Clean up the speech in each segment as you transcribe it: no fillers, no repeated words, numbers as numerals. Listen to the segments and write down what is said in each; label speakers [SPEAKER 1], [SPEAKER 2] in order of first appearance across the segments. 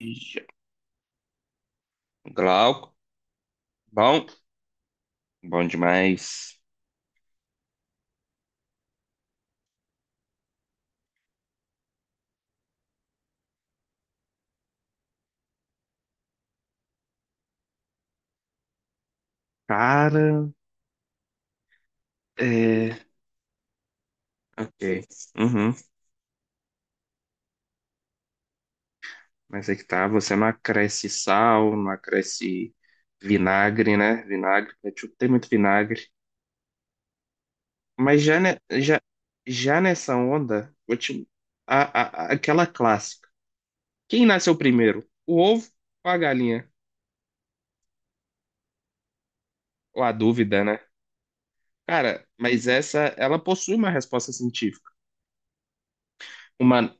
[SPEAKER 1] Já. Glauco, bom, bom demais. Cara, é. Ok. Uhum. Mas é que tá, você não acresce sal, não acresce vinagre, né? Vinagre, ketchup tem muito vinagre. Mas já nessa onda, vou te- a- aquela clássica. Quem nasceu primeiro? O ovo ou a galinha? Ou a dúvida, né? Cara, mas essa, ela possui uma resposta científica. Uma,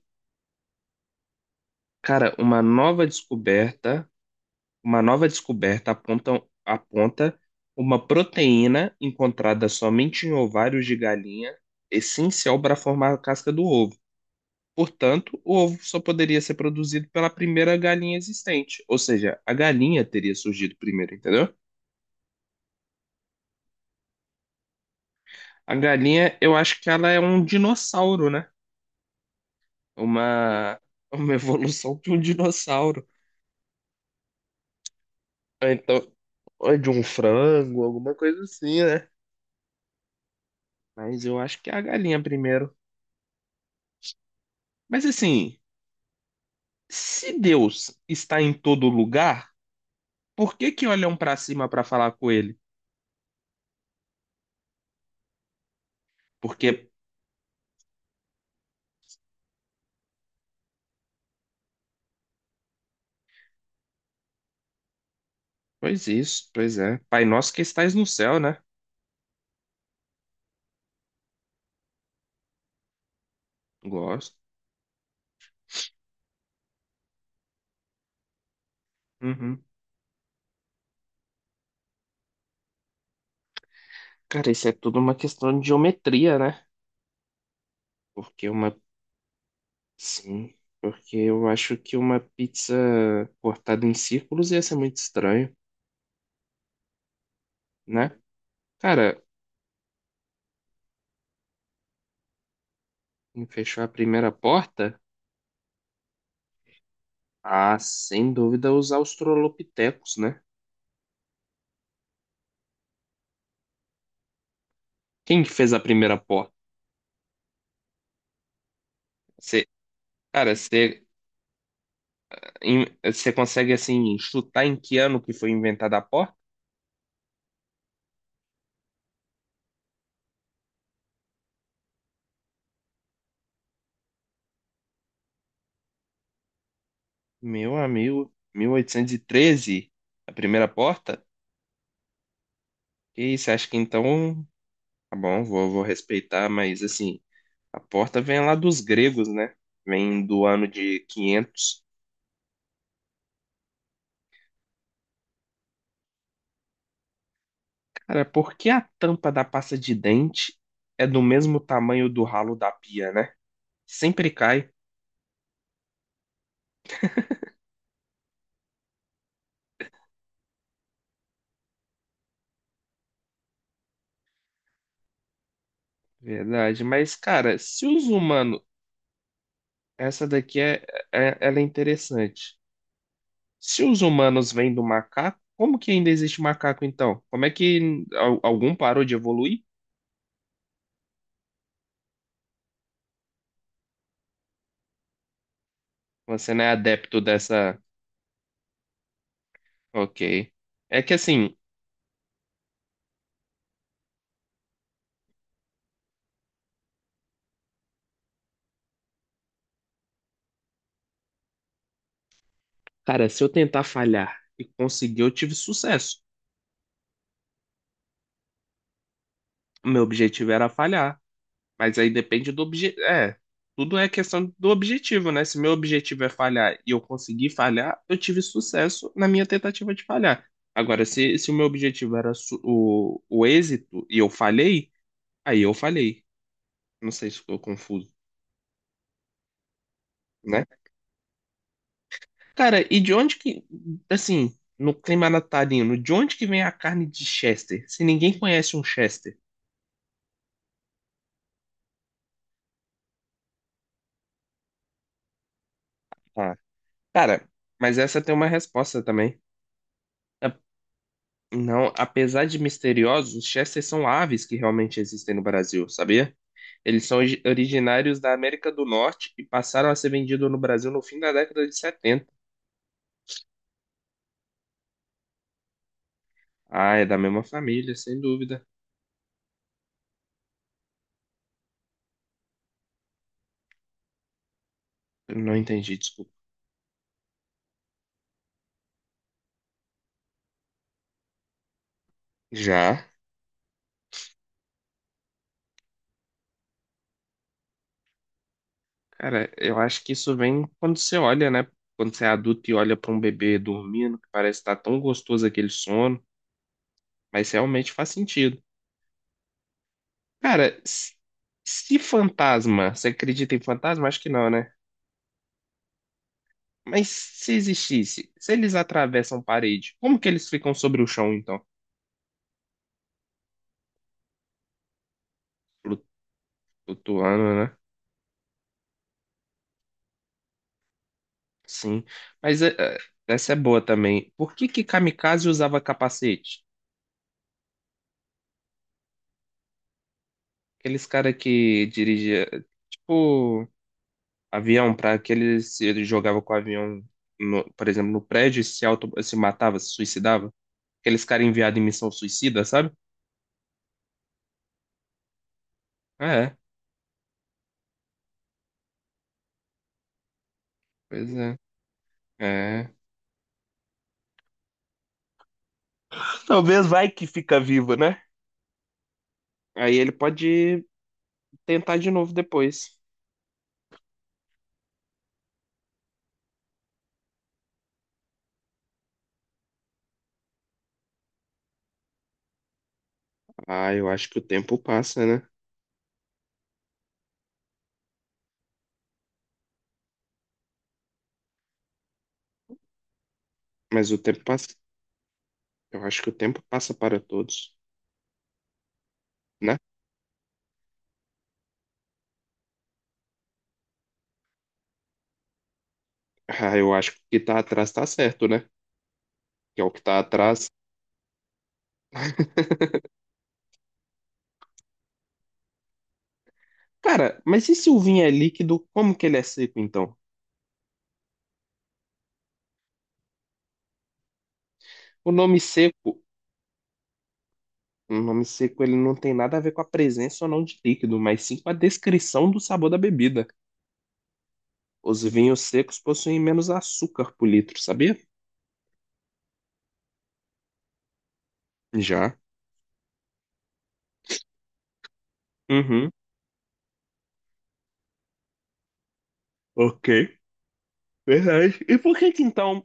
[SPEAKER 1] cara, uma nova descoberta Uma nova descoberta aponta uma proteína encontrada somente em ovários de galinha, essencial para formar a casca do ovo. Portanto, o ovo só poderia ser produzido pela primeira galinha existente, ou seja, a galinha teria surgido primeiro, entendeu? A galinha, eu acho que ela é um dinossauro, né? Uma, uma evolução de um dinossauro. Ou então, ou de um frango, alguma coisa assim, né? Mas eu acho que é a galinha primeiro. Mas assim. Se Deus está em todo lugar, por que que olham para cima para falar com ele? Porque, pois isso, pois é. Pai nosso que estais no céu, né? Gosto. Uhum. Cara, isso é tudo uma questão de geometria, né? Porque uma. Sim, porque eu acho que uma pizza cortada em círculos ia ser muito estranho, né? Cara, fechou a primeira porta? Ah, sem dúvida os australopitecos, né? Quem que fez a primeira porta? Você, cara, você consegue, assim, chutar em que ano que foi inventada a porta? Meu amigo, 1813 a primeira porta? Que isso, acho que então... Tá bom, vou respeitar, mas, assim, a porta vem lá dos gregos, né? Vem do ano de 500. Cara, por que a tampa da pasta de dente é do mesmo tamanho do ralo da pia, né? Sempre cai. Verdade, mas, cara, se os humanos... Essa daqui ela é interessante. Se os humanos vêm do macaco, como que ainda existe macaco então? Como é que algum parou de evoluir? Você não é adepto dessa. Ok. É que assim, cara, se eu tentar falhar e conseguir, eu tive sucesso. O meu objetivo era falhar, mas aí depende do objetivo. É, tudo é questão do objetivo, né? Se meu objetivo é falhar e eu conseguir falhar, eu tive sucesso na minha tentativa de falhar. Agora, se o meu objetivo era o êxito e eu falhei, aí eu falhei. Não sei se ficou confuso, né? Cara, e de onde que, assim, no clima natalino, de onde que vem a carne de Chester? Se ninguém conhece um Chester. Ah, cara, mas essa tem uma resposta também. A- Não, apesar de misteriosos, os Chesters são aves que realmente existem no Brasil, sabia? Eles são originários da América do Norte e passaram a ser vendidos no Brasil no fim da década de 70. Ah, é da mesma família, sem dúvida. Eu não entendi, desculpa. Já. Cara, eu acho que isso vem quando você olha, né? Quando você é adulto e olha pra um bebê dormindo, que parece estar tão gostoso aquele sono, mas realmente faz sentido. Cara, se fantasma, você acredita em fantasma? Acho que não, né? Mas se existisse, se eles atravessam parede, como que eles ficam sobre o chão, então? Flu- Flutuando, né? Sim. Mas essa é boa também. Por que que kamikaze usava capacete? Aqueles cara que dirigia, tipo, avião, para aquele se ele jogava com o avião, por exemplo, no prédio e se matava, se suicidava. Aqueles caras enviados em missão suicida, sabe? É, pois é. É. Talvez vai que fica vivo, né? Aí ele pode tentar de novo depois. Ah, eu acho que o tempo passa, né? Mas o tempo passa. Eu acho que o tempo passa para todos, né? Ah, eu acho que o que tá atrás tá certo, né? Que é o que tá atrás. Cara, mas e se o vinho é líquido, como que ele é seco então? O nome seco Um nome seco ele não tem nada a ver com a presença ou não de líquido, mas sim com a descrição do sabor da bebida. Os vinhos secos possuem menos açúcar por litro, sabia? Já. Uhum. Ok. Verdade. E por que que então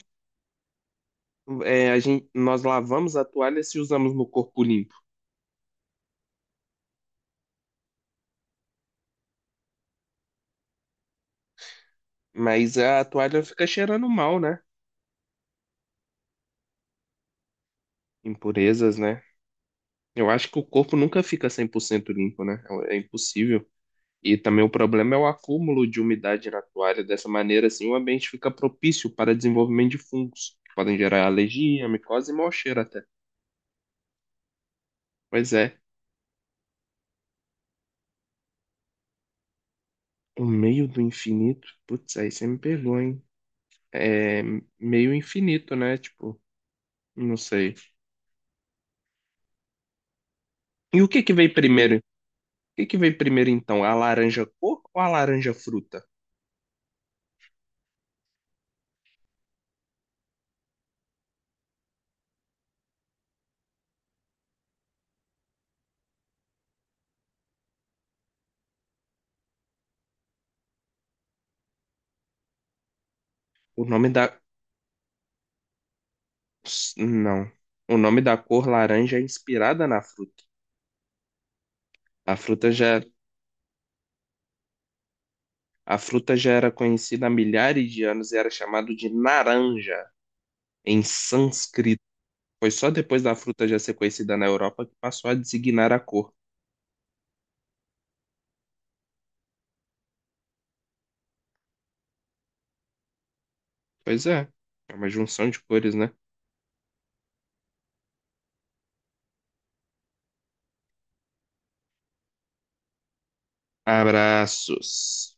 [SPEAKER 1] nós lavamos a toalha se usamos no corpo limpo? Mas a toalha fica cheirando mal, né? Impurezas, né? Eu acho que o corpo nunca fica 100% limpo, né? É impossível. E também o problema é o acúmulo de umidade na toalha. Dessa maneira, assim, o ambiente fica propício para desenvolvimento de fungos, que podem gerar alergia, micose e mau cheiro até. Pois é, o meio do infinito, putz, aí você me pegou, hein? É meio infinito, né? Tipo, não sei. E o que que veio primeiro? O que que veio primeiro, então? A laranja cor ou a laranja fruta? O nome da... Não. O nome da cor laranja é inspirada na fruta. A fruta já A fruta já era conhecida há milhares de anos e era chamado de naranja em sânscrito. Foi só depois da fruta já ser conhecida na Europa que passou a designar a cor. Pois é, é uma junção de cores, né? Abraços.